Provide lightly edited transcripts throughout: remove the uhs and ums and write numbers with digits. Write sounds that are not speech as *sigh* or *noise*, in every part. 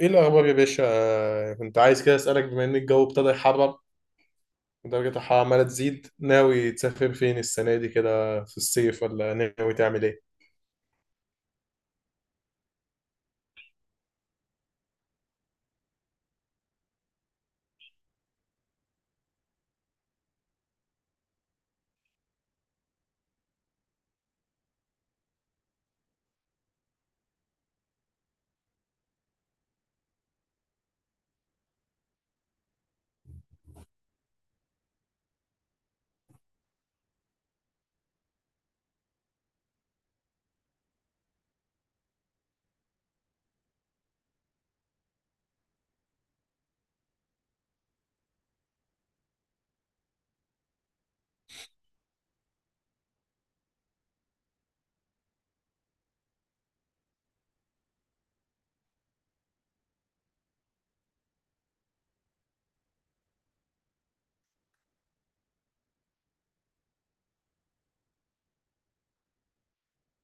ايه الاخبار يا باشا؟ كنت عايز كده اسالك، بما ان الجو ابتدى يحرر ودرجة الحرارة عمالة تزيد، ناوي تسافر فين السنة دي كده في الصيف، ولا ناوي تعمل ايه؟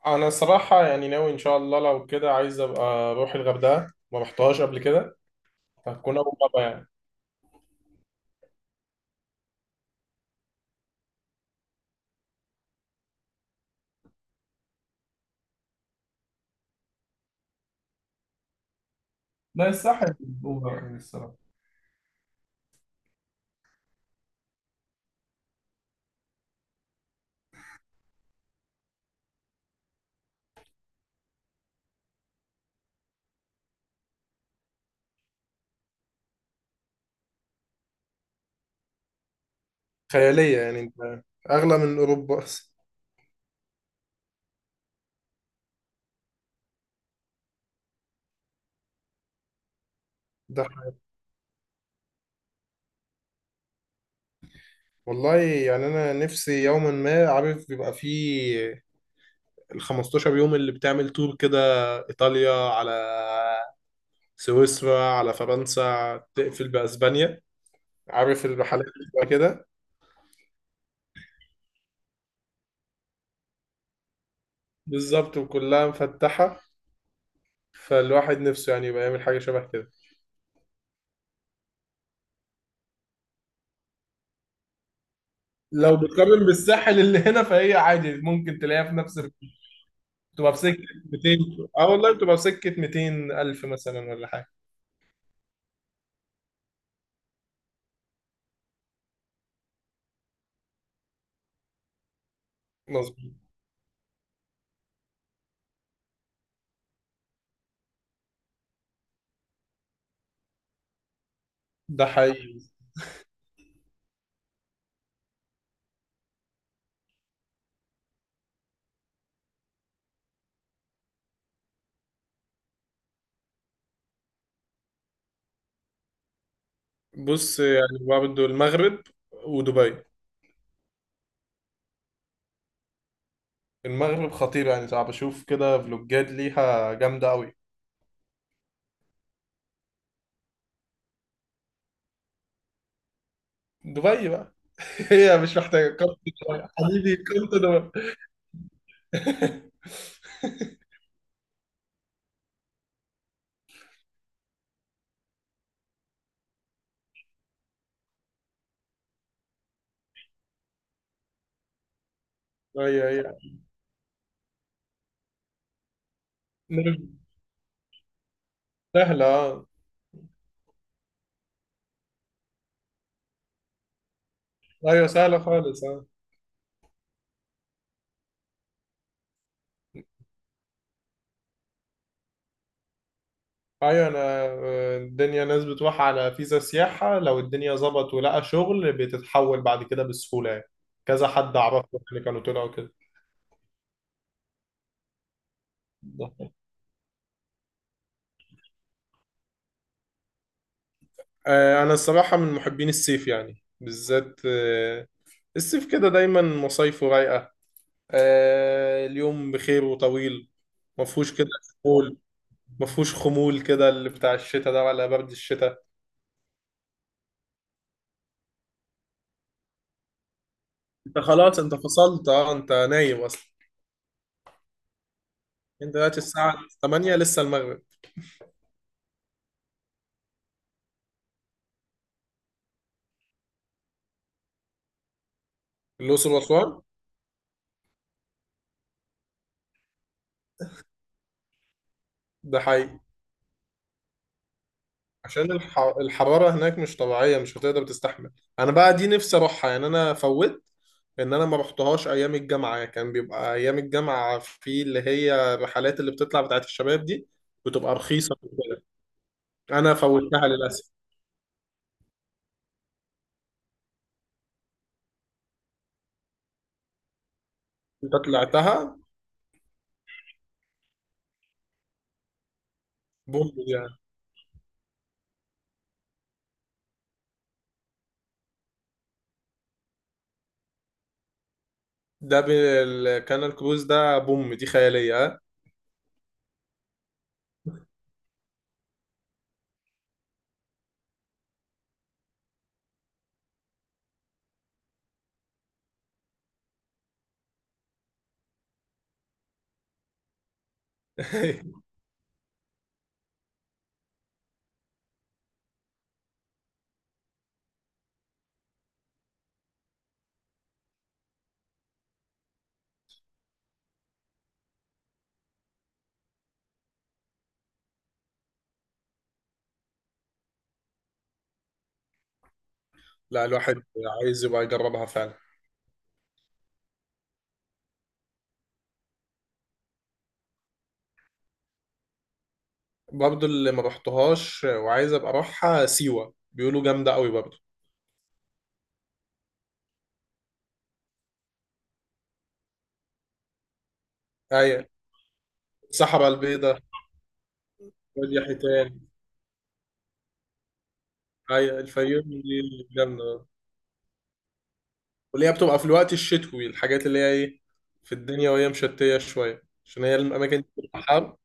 أنا الصراحة يعني ناوي إن شاء الله، لو كده عايز أبقى أروح الغردقة، ما رحتهاش قبل كده. هتكون أول مرة يعني. لا، الساحل الأولى يعني الصراحة. خيالية يعني، أنت. أغلى من أوروبا أصلا. ده حقيقي. والله يعني أنا نفسي يوما ما، عارف بيبقى فيه ال 15 يوم اللي بتعمل تور كده، إيطاليا على سويسرا على فرنسا، تقفل بأسبانيا. عارف الرحلات اللي بتبقى كده. بالظبط، وكلها مفتحة، فالواحد نفسه يعني يبقى يعمل حاجة شبه كده. لو بتقارن بالساحل اللي هنا فهي عادي، ممكن تلاقيها في نفس بتبقى في سكة 200. اه، والله بتبقى في سكة 200 ألف مثلا ولا حاجة. مظبوط. ده حقيقي. بص، يعني برضه المغرب ودبي. المغرب خطير يعني، صعب أشوف كده فلوجات ليها جامدة أوي. دبي بقى *laughs* هي مش محتاجة كارت. دبي حبيبي، كارت دبي. *laughs* ايوه، ايوه. نعم. سهلة، اه. ايوه، سهلة خالص، اه. ايوه انا، الدنيا ناس بتروح على فيزا سياحة، لو الدنيا ظبط ولقى شغل بتتحول بعد كده بسهولة يعني. كذا حد اعرفه يعني، كانوا طلعوا كده. *laughs* انا الصراحة من محبين الصيف يعني، بالذات الصيف كده دايما مصايفه رايقة. اليوم بخير وطويل، مفهوش كده خمول. مفهوش خمول كده اللي بتاع الشتاء ده، ولا برد الشتاء. انت خلاص انت فصلت، اه انت نايم اصلا. انت دلوقتي الساعة 8 لسه المغرب. الأقصر وأسوان. ده حقيقي. عشان الحرارة هناك مش طبيعية، مش هتقدر تستحمل. أنا بقى دي نفسي أروحها يعني. أنا فوت إن أنا ما رحتهاش أيام الجامعة. كان بيبقى أيام الجامعة في اللي هي الرحلات اللي بتطلع بتاعت الشباب دي، بتبقى رخيصة وكده. أنا فوتها للأسف. أنت طلعتها. بوم دي يعني. كان الكروز ده بوم دي خيالية، ها؟ *laughs* لا، الواحد عايز يبقى يجربها فعلا. برضو اللي ما رحتهاش وعايز ابقى اروحها سيوة، بيقولوا جامدة قوي برضو. ايوه. الصحراء البيضاء. وادي حيتان. ايوه، الفيوم دي جامدة. واللي هي بتبقى في الوقت الشتوي، الحاجات اللي هي ايه في الدنيا، وهي مشتية شوية عشان هي الأماكن دي بتبقى حر.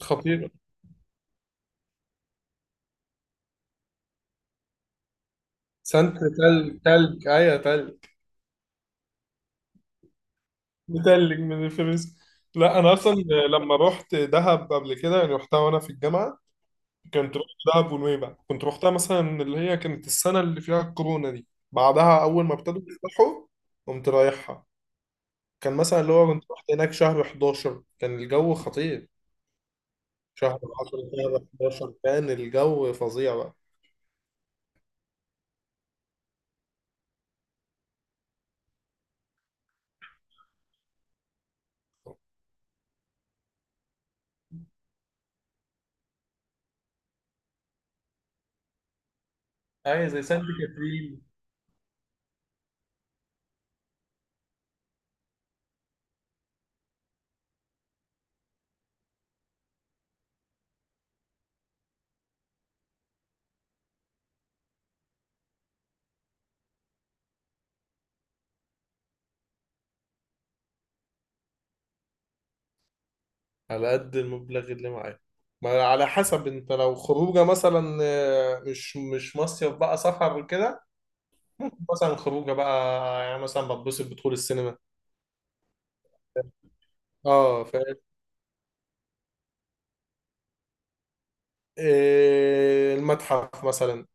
خطيرة. سانت، تلج تلج، ايوه تلج. متلج من الفلوس. لا، انا اصلا لما رحت دهب قبل كده يعني، رحتها وانا في الجامعة. كنت رحت دهب ونويبع، كنت رحتها مثلا اللي هي كانت السنة اللي فيها الكورونا دي. بعدها أول ما ابتدوا يفتحوا قمت رايحها. كان مثلا اللي هو كنت رحت هناك شهر 11، كان الجو خطير. شهر 10، شهر 11 كان الجو فظيع بقى. أي زي سانت كاترين. على قد المبلغ اللي معايا. ما على حسب، انت لو خروجه مثلا، مش مصيف بقى، سفر كده. ممكن مثلا خروجه بقى، يعني مثلا بتبسط بدخول السينما. اه فاهم، إيه، المتحف مثلا.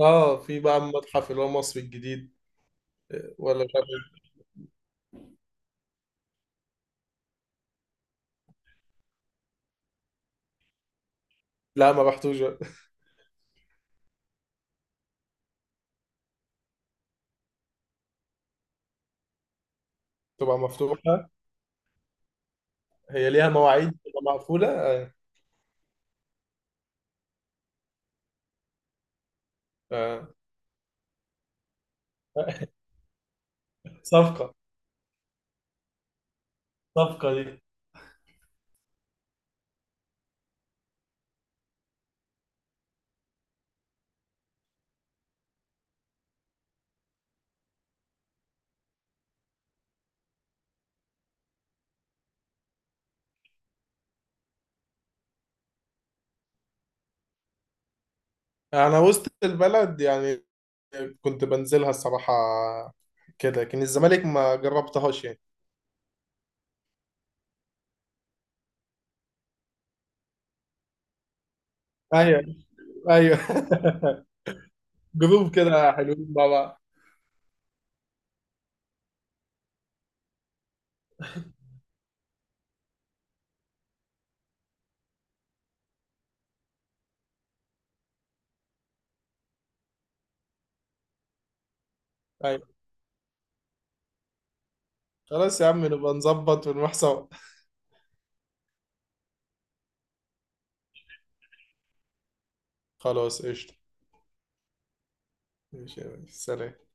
اه، في بقى المتحف اللي هو مصر الجديد، ولا مش عارف إيه. لا، ما رحتوش. تبقى مفتوحة، هي ليها مواعيد تبقى مقفولة. آه. *laughs* صفقة، صفقة دي. أنا وسط البلد يعني كنت بنزلها الصراحة كده، لكن الزمالك ما جربتهاش يعني. ايوه، ايوه. *laughs* جروب كده حلوين مع بعض. ايوه، خلاص يا عم نبقى نظبط ونروح سوا. خلاص، قشطة. ماشي يا ريس. سلام.